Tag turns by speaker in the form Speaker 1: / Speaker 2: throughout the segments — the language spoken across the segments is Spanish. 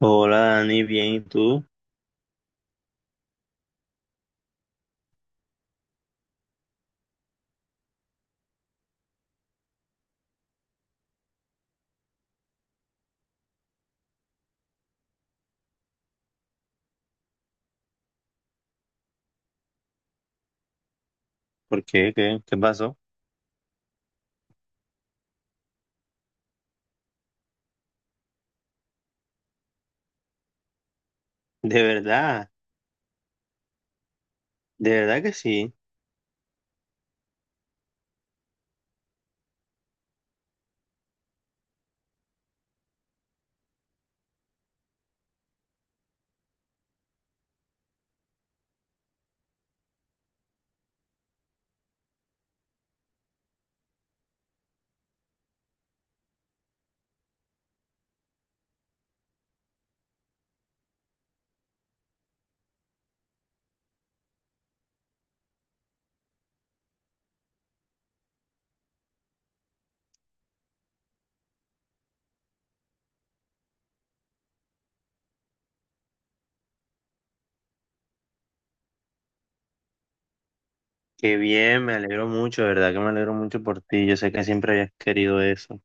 Speaker 1: Hola Dani, bien, ¿y tú? ¿Por qué? ¿¿Qué pasó? De verdad, de verdad que sí. Qué bien, me alegro mucho, de verdad que me alegro mucho por ti. Yo sé que siempre habías querido eso.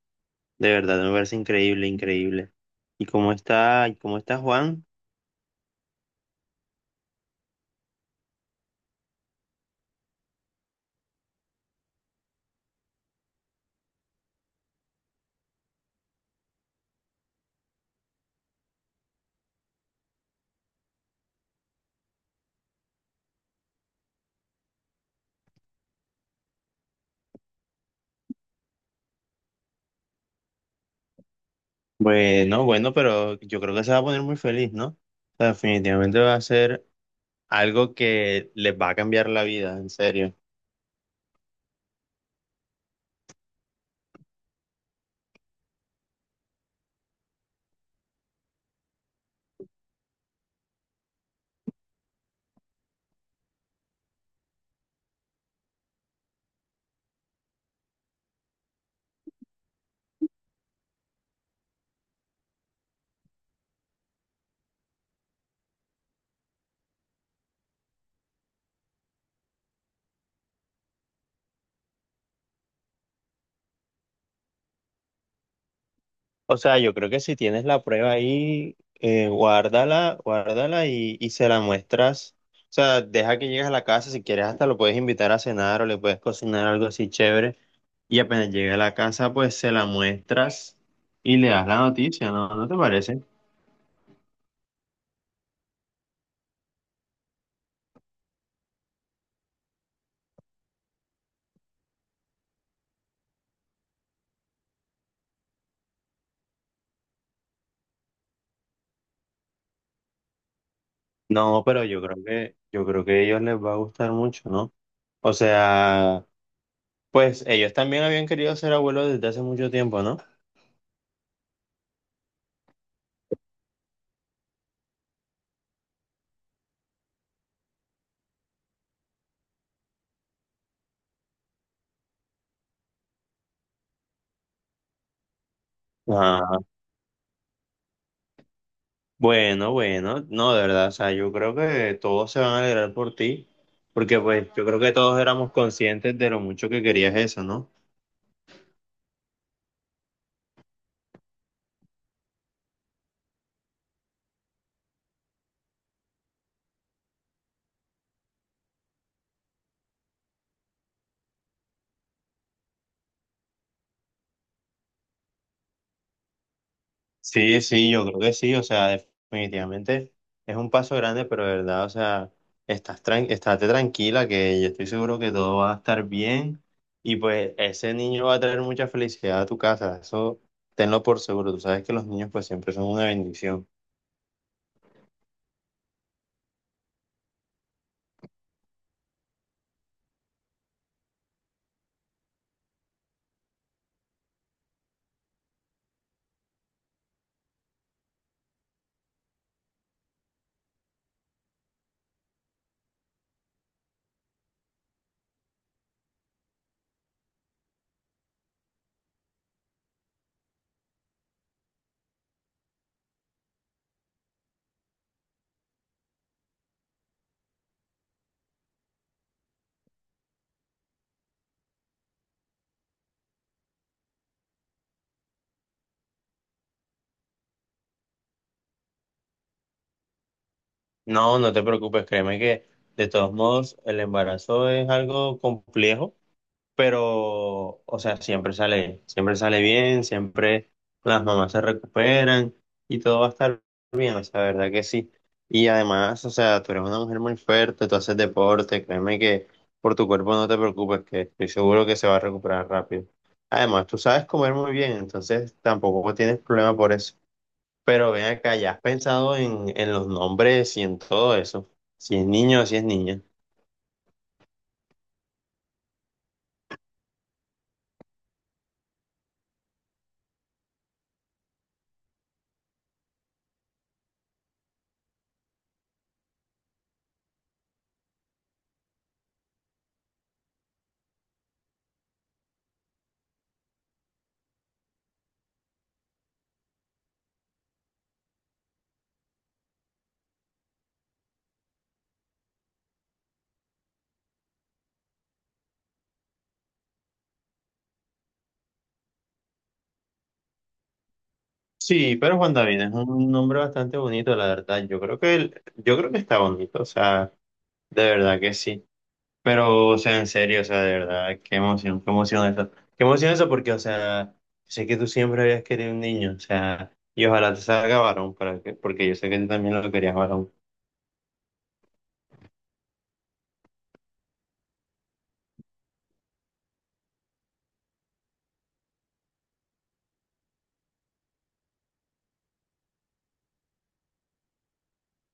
Speaker 1: De verdad, me parece increíble, increíble. Y cómo está Juan? Bueno, bueno, pero yo creo que se va a poner muy feliz, ¿no? O sea, definitivamente va a ser algo que les va a cambiar la vida, en serio. O sea, yo creo que si tienes la prueba ahí, guárdala, guárdala y se la muestras. O sea, deja que llegues a la casa, si quieres hasta lo puedes invitar a cenar o le puedes cocinar algo así chévere. Y apenas llegue a la casa, pues se la muestras y le das la noticia, ¿no? ¿No te parece? No, pero yo creo que a ellos les va a gustar mucho, ¿no? O sea, pues ellos también habían querido ser abuelos desde hace mucho tiempo, ¿no? Bueno, bueno, no, de verdad, o sea, yo creo que todos se van a alegrar por ti, porque pues yo creo que todos éramos conscientes de lo mucho que querías eso, ¿no? Sí, sí, yo creo que sí, o sea, definitivamente es un paso grande, pero de verdad, o sea, estás tran estate tranquila que yo estoy seguro que todo va a estar bien y pues ese niño va a traer mucha felicidad a tu casa, eso tenlo por seguro, tú sabes que los niños pues siempre son una bendición. No, no te preocupes, créeme que de todos modos el embarazo es algo complejo, pero, o sea, siempre sale bien, siempre las mamás se recuperan y todo va a estar bien, o sea, verdad que sí. Y además, o sea, tú eres una mujer muy fuerte, tú haces deporte, créeme que por tu cuerpo no te preocupes, que estoy seguro que se va a recuperar rápido. Además, tú sabes comer muy bien, entonces tampoco tienes problema por eso. Pero ven acá, ¿ya has pensado en los nombres y en todo eso? Si es niño o si es niña. Sí, pero Juan David es un nombre bastante bonito, la verdad. Yo creo que él- yo creo que está bonito, o sea, de verdad que sí. Pero, o sea, en serio, o sea, de verdad, qué emoción eso. Qué emoción eso porque, o sea, sé que tú siempre habías querido un niño, o sea, y ojalá te salga varón, para que, porque yo sé que tú también lo querías varón.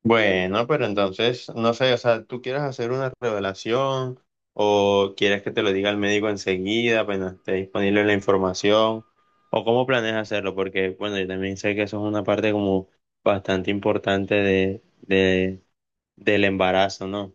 Speaker 1: Bueno, pero entonces, no sé, o sea, ¿tú quieres hacer una revelación o quieres que te lo diga el médico enseguida, apenas esté disponible la información? ¿O cómo planeas hacerlo? Porque, bueno, yo también sé que eso es una parte como bastante importante de, del embarazo, ¿no?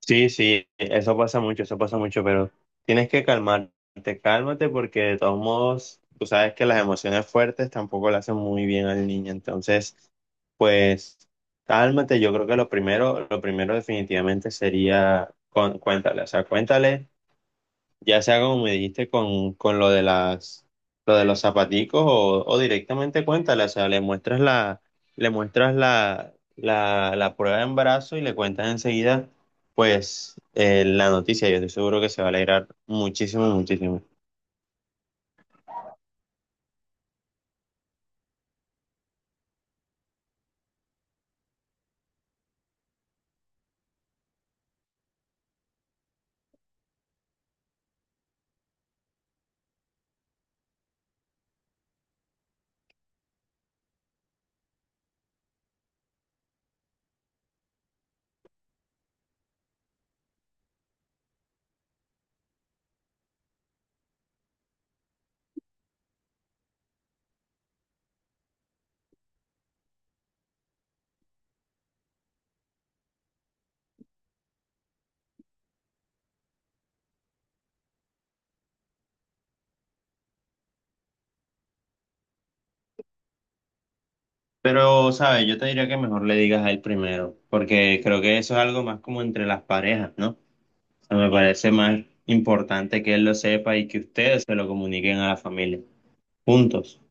Speaker 1: Sí, sí, eso pasa mucho, pero tienes que calmarte, cálmate porque de todos modos, tú sabes que las emociones fuertes tampoco le hacen muy bien al niño, entonces, pues, cálmate, yo creo que lo primero definitivamente sería, con- cuéntale, o sea, cuéntale. Ya sea como me dijiste con lo de las, lo de los zapaticos o directamente cuéntale, o sea, le muestras la, la, la prueba de embarazo y le cuentas enseguida, pues, la noticia. Yo estoy seguro que se va a alegrar muchísimo, muchísimo. Pero, ¿sabes? Yo te diría que mejor le digas a él primero, porque creo que eso es algo más como entre las parejas, ¿no? O sea, me parece más importante que él lo sepa y que ustedes se lo comuniquen a la familia, juntos.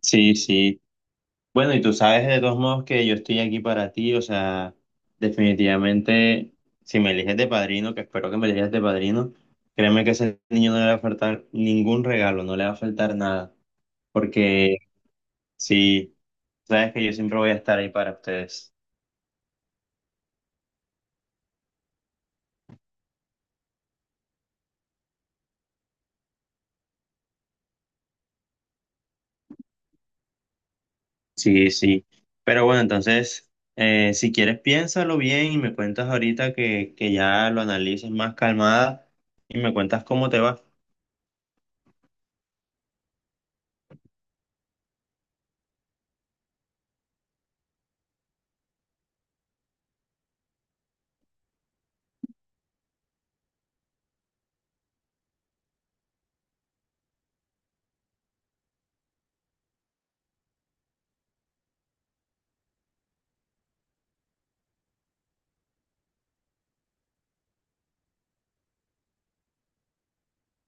Speaker 1: Sí, sí. Bueno, y tú sabes de todos modos que yo estoy aquí para ti, o sea, definitivamente, si me eliges de padrino, que espero que me elijas de padrino, créeme que ese niño no le va a faltar ningún regalo, no le va a faltar nada, porque sí, sabes que yo siempre voy a estar ahí para ustedes. Sí, sí. Pero bueno, entonces, si quieres, piénsalo bien y me cuentas ahorita que ya lo analices más calmada y me cuentas cómo te va.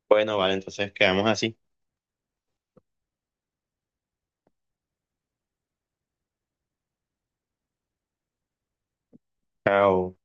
Speaker 1: Bueno, vale, entonces quedamos así. Chao.